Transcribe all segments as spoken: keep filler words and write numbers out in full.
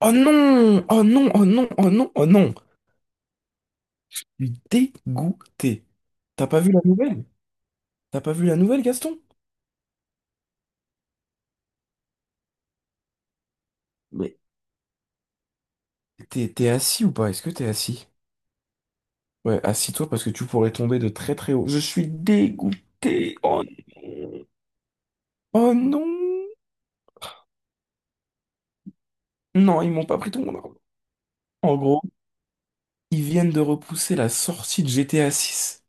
Oh non! Oh non! Oh non! Oh non! Oh non! Je suis dégoûté. T'as pas vu la nouvelle? T'as pas vu la nouvelle, Gaston? Mais t'es t'es assis ou pas? Est-ce que t'es assis? Ouais, assis-toi parce que tu pourrais tomber de très très haut. Je suis dégoûté. Oh non! Oh non! Non, ils m'ont pas pris tout mon argent. En gros, ils viennent de repousser la sortie de G T A six.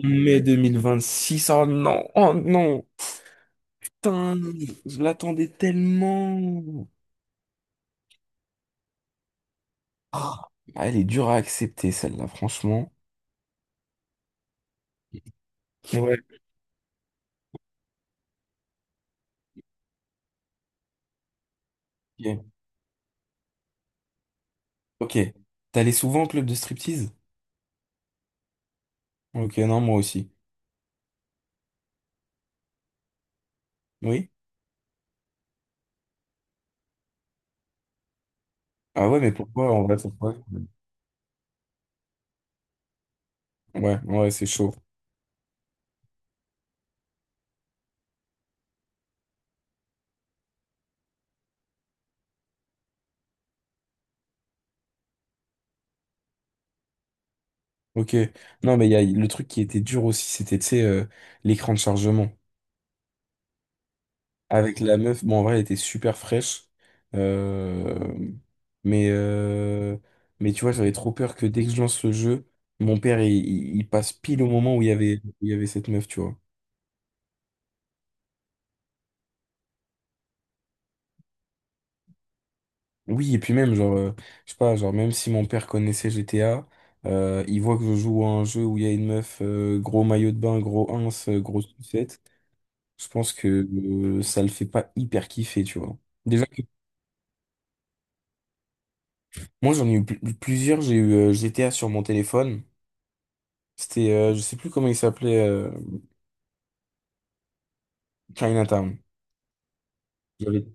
Mai deux mille vingt-six. Oh non! Oh non! Putain! Je l'attendais tellement! Ah, elle est dure à accepter, celle-là, franchement. Ouais. Ok. Ok. T'allais souvent au club de striptease? Ok, non, moi aussi. Oui? Ah ouais, mais pourquoi en vrai, pourquoi? Ouais, ouais, c'est chaud. Ok. Non, mais il y a le truc qui était dur aussi, c'était, tu sais, euh, l'écran de chargement. Avec la meuf, bon, en vrai, elle était super fraîche. Euh, Mais, euh, mais tu vois, j'avais trop peur que dès que je lance le jeu, mon père, il, il- il passe pile au moment où il y avait, où il y avait cette meuf, tu vois. Oui, et puis même, genre, euh, je sais pas, genre, même si mon père connaissait G T A, euh, il voit que je joue à un jeu où il y a une meuf, euh, gros maillot de bain, gros ins, euh, grosse sucette, je pense que euh, ça le fait pas hyper kiffer, tu vois. Déjà que moi, j'en ai eu pl- plusieurs, j'ai eu euh, G T A sur mon téléphone. C'était, euh, je sais plus comment il s'appelait, euh, Chinatown. J'avais-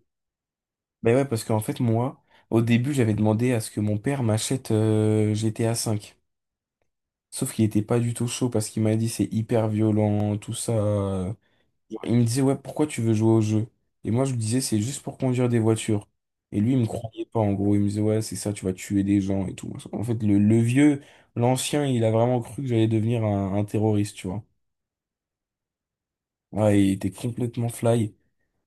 Ben ouais, parce qu'en fait, moi, au début, j'avais demandé à ce que mon père m'achète euh, G T A cinq. Sauf qu'il était pas du tout chaud parce qu'il m'a dit c'est hyper violent, tout ça. euh, Il me disait, ouais, pourquoi tu veux jouer au jeu? Et moi, je lui disais, c'est juste pour conduire des voitures. Et lui, il me croyait pas, en gros. Il me disait, ouais, c'est ça, tu vas tuer des gens et tout. En fait, le, le vieux, l'ancien, il a vraiment cru que j'allais devenir un, un terroriste, tu vois. Ouais, il était complètement fly.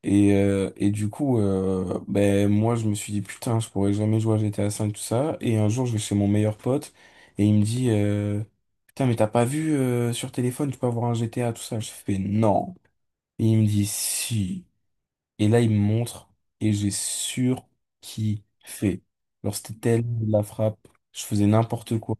Et, euh, et du coup, euh, ben, moi, je me suis dit, putain, je pourrais jamais jouer à G T A cinq, tout ça. Et un jour, je vais chez mon meilleur pote et il me dit, euh, putain, mais t'as pas vu, euh, sur téléphone, tu peux avoir un G T A, tout ça. Je fais, non. Et il me dit, si. Et là, il me montre et j'ai surkiffé. Alors, c'était tellement de la frappe. Je faisais n'importe quoi.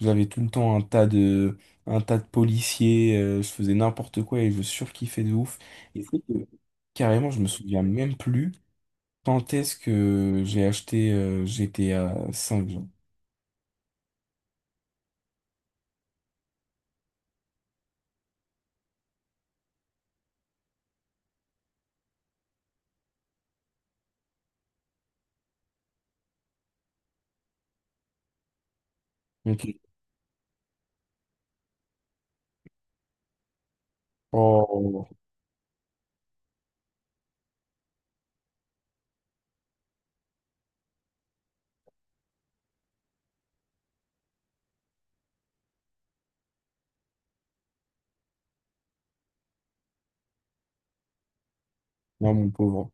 J'avais tout le temps un tas de, un tas de policiers. euh, je faisais n'importe quoi et je surkiffais de ouf. Et c'est que, carrément, je me souviens même plus quand est-ce que j'ai acheté euh, G T A cinq genre. Ok. Oh, non, mon pauvre.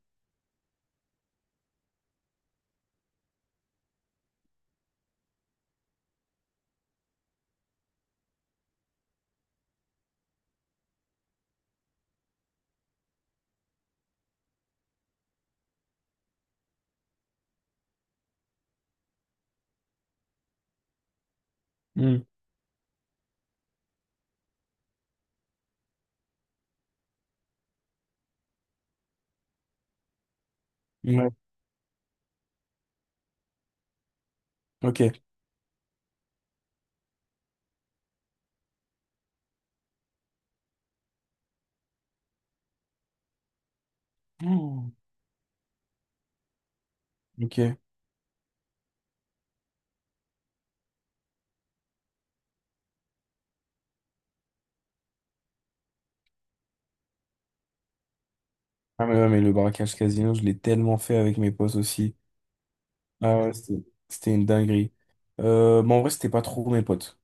Hmm. Ouais, ok. Hmm, ok. Ah, mais ouais, mais le braquage casino, je l'ai tellement fait avec mes potes aussi. Ah ouais, c'était c'était une dinguerie. Euh, mais en vrai, c'était pas trop mes potes.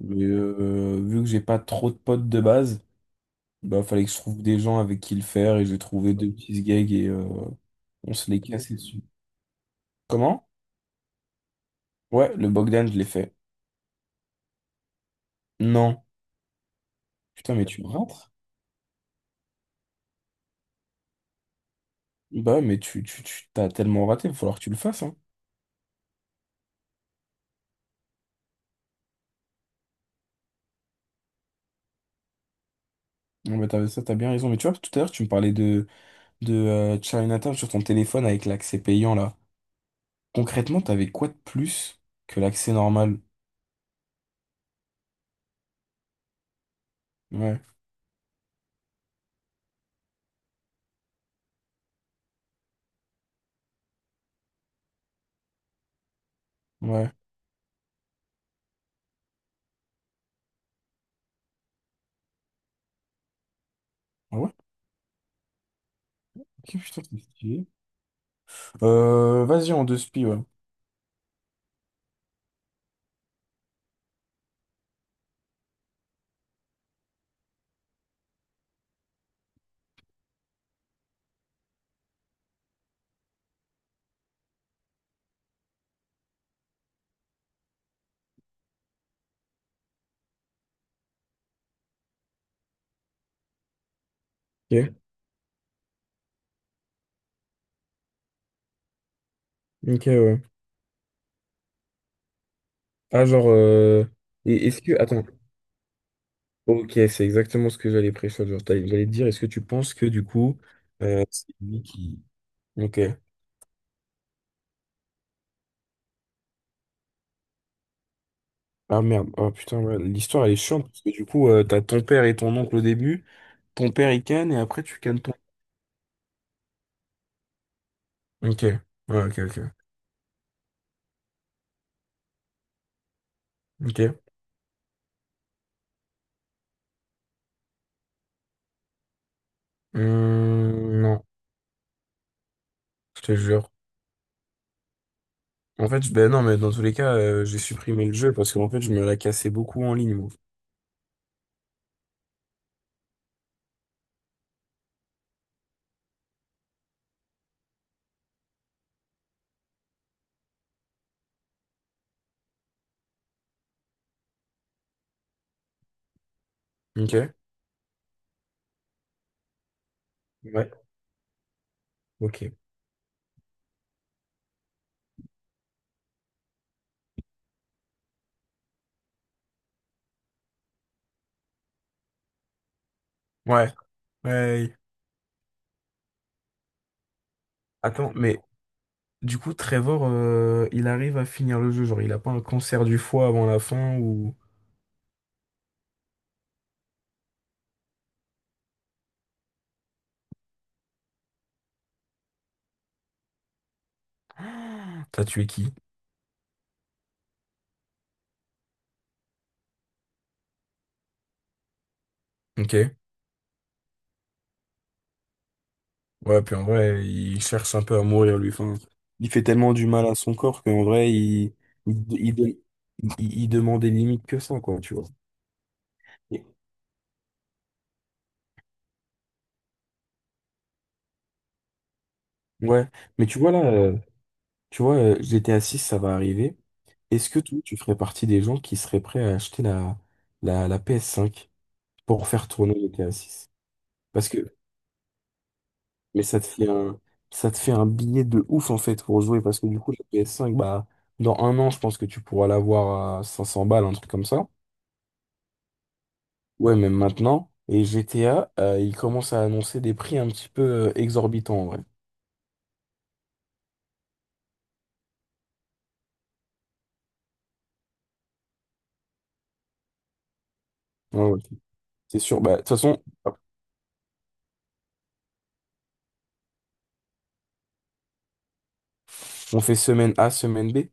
Mais, euh, vu que j'ai pas trop de potes de base, bah fallait que je trouve des gens avec qui le faire et j'ai trouvé deux petits gags et euh, on se les cassait dessus. Comment? Ouais, le Bogdan, je l'ai fait. Non. Putain, mais tu rentres? Bah, mais tu, tu, tu t'as tellement raté, il va falloir que tu le fasses, hein. Non, mais t'as, ça, t'as bien raison. Mais tu vois, tout à l'heure, tu me parlais de, de euh, Chinatown sur ton téléphone avec l'accès payant, là. Concrètement, t'avais quoi de plus que l'accès normal? Ouais, ouais. Ah ouais. Qu'est-ce que je Euh, vas-y, en deux spi, ouais. Ok, ok, ouais. Ah, genre, euh, et est-ce que, attends, ok, c'est exactement ce que j'allais pré Genre, t'allais- j'allais te dire, est-ce que tu penses que du coup, euh, c'est lui qui. Ok. Ah merde, oh putain, ouais, l'histoire elle est chiante parce que du coup, euh, t'as ton père et ton oncle au début, ton père il canne et après tu cannes ton. Ok, ouais, ok, ok. Ok. Hum, non, je te jure. En fait, je- ben non, mais dans tous les cas, euh, j'ai supprimé le jeu parce qu'en fait, je me la cassais beaucoup en ligne, moi. Ok? Ouais. Ok. Ouais. Ouais. Attends, mais du coup, Trevor, euh, il arrive à finir le jeu. Genre, il a pas un cancer du foie avant la fin ou t'as tué qui? Ok. Ouais, puis en vrai, il cherche un peu à mourir, lui. Enfin, il fait tellement du mal à son corps qu'en vrai, il, il, il, il- il demandait limite que ça, quoi, tu vois. Et- Ouais. Mais tu vois, là, euh, tu vois, euh, G T A six, ça va arriver. Est-ce que toi, tu ferais partie des gens qui seraient prêts à acheter la, la, la P S cinq pour faire tourner G T A six? Parce que Mais ça te fait un, ça te fait un billet de ouf en fait pour jouer parce que du coup, la P S cinq, bah, dans un an, je pense que tu pourras l'avoir à cinq cents balles, un truc comme ça. Ouais, même maintenant. Et G T A, euh, ils commencent à annoncer des prix un petit peu euh, exorbitants, ouais. Ouais, ouais. C'est sûr. Bah, de toute façon, on fait semaine A, semaine B.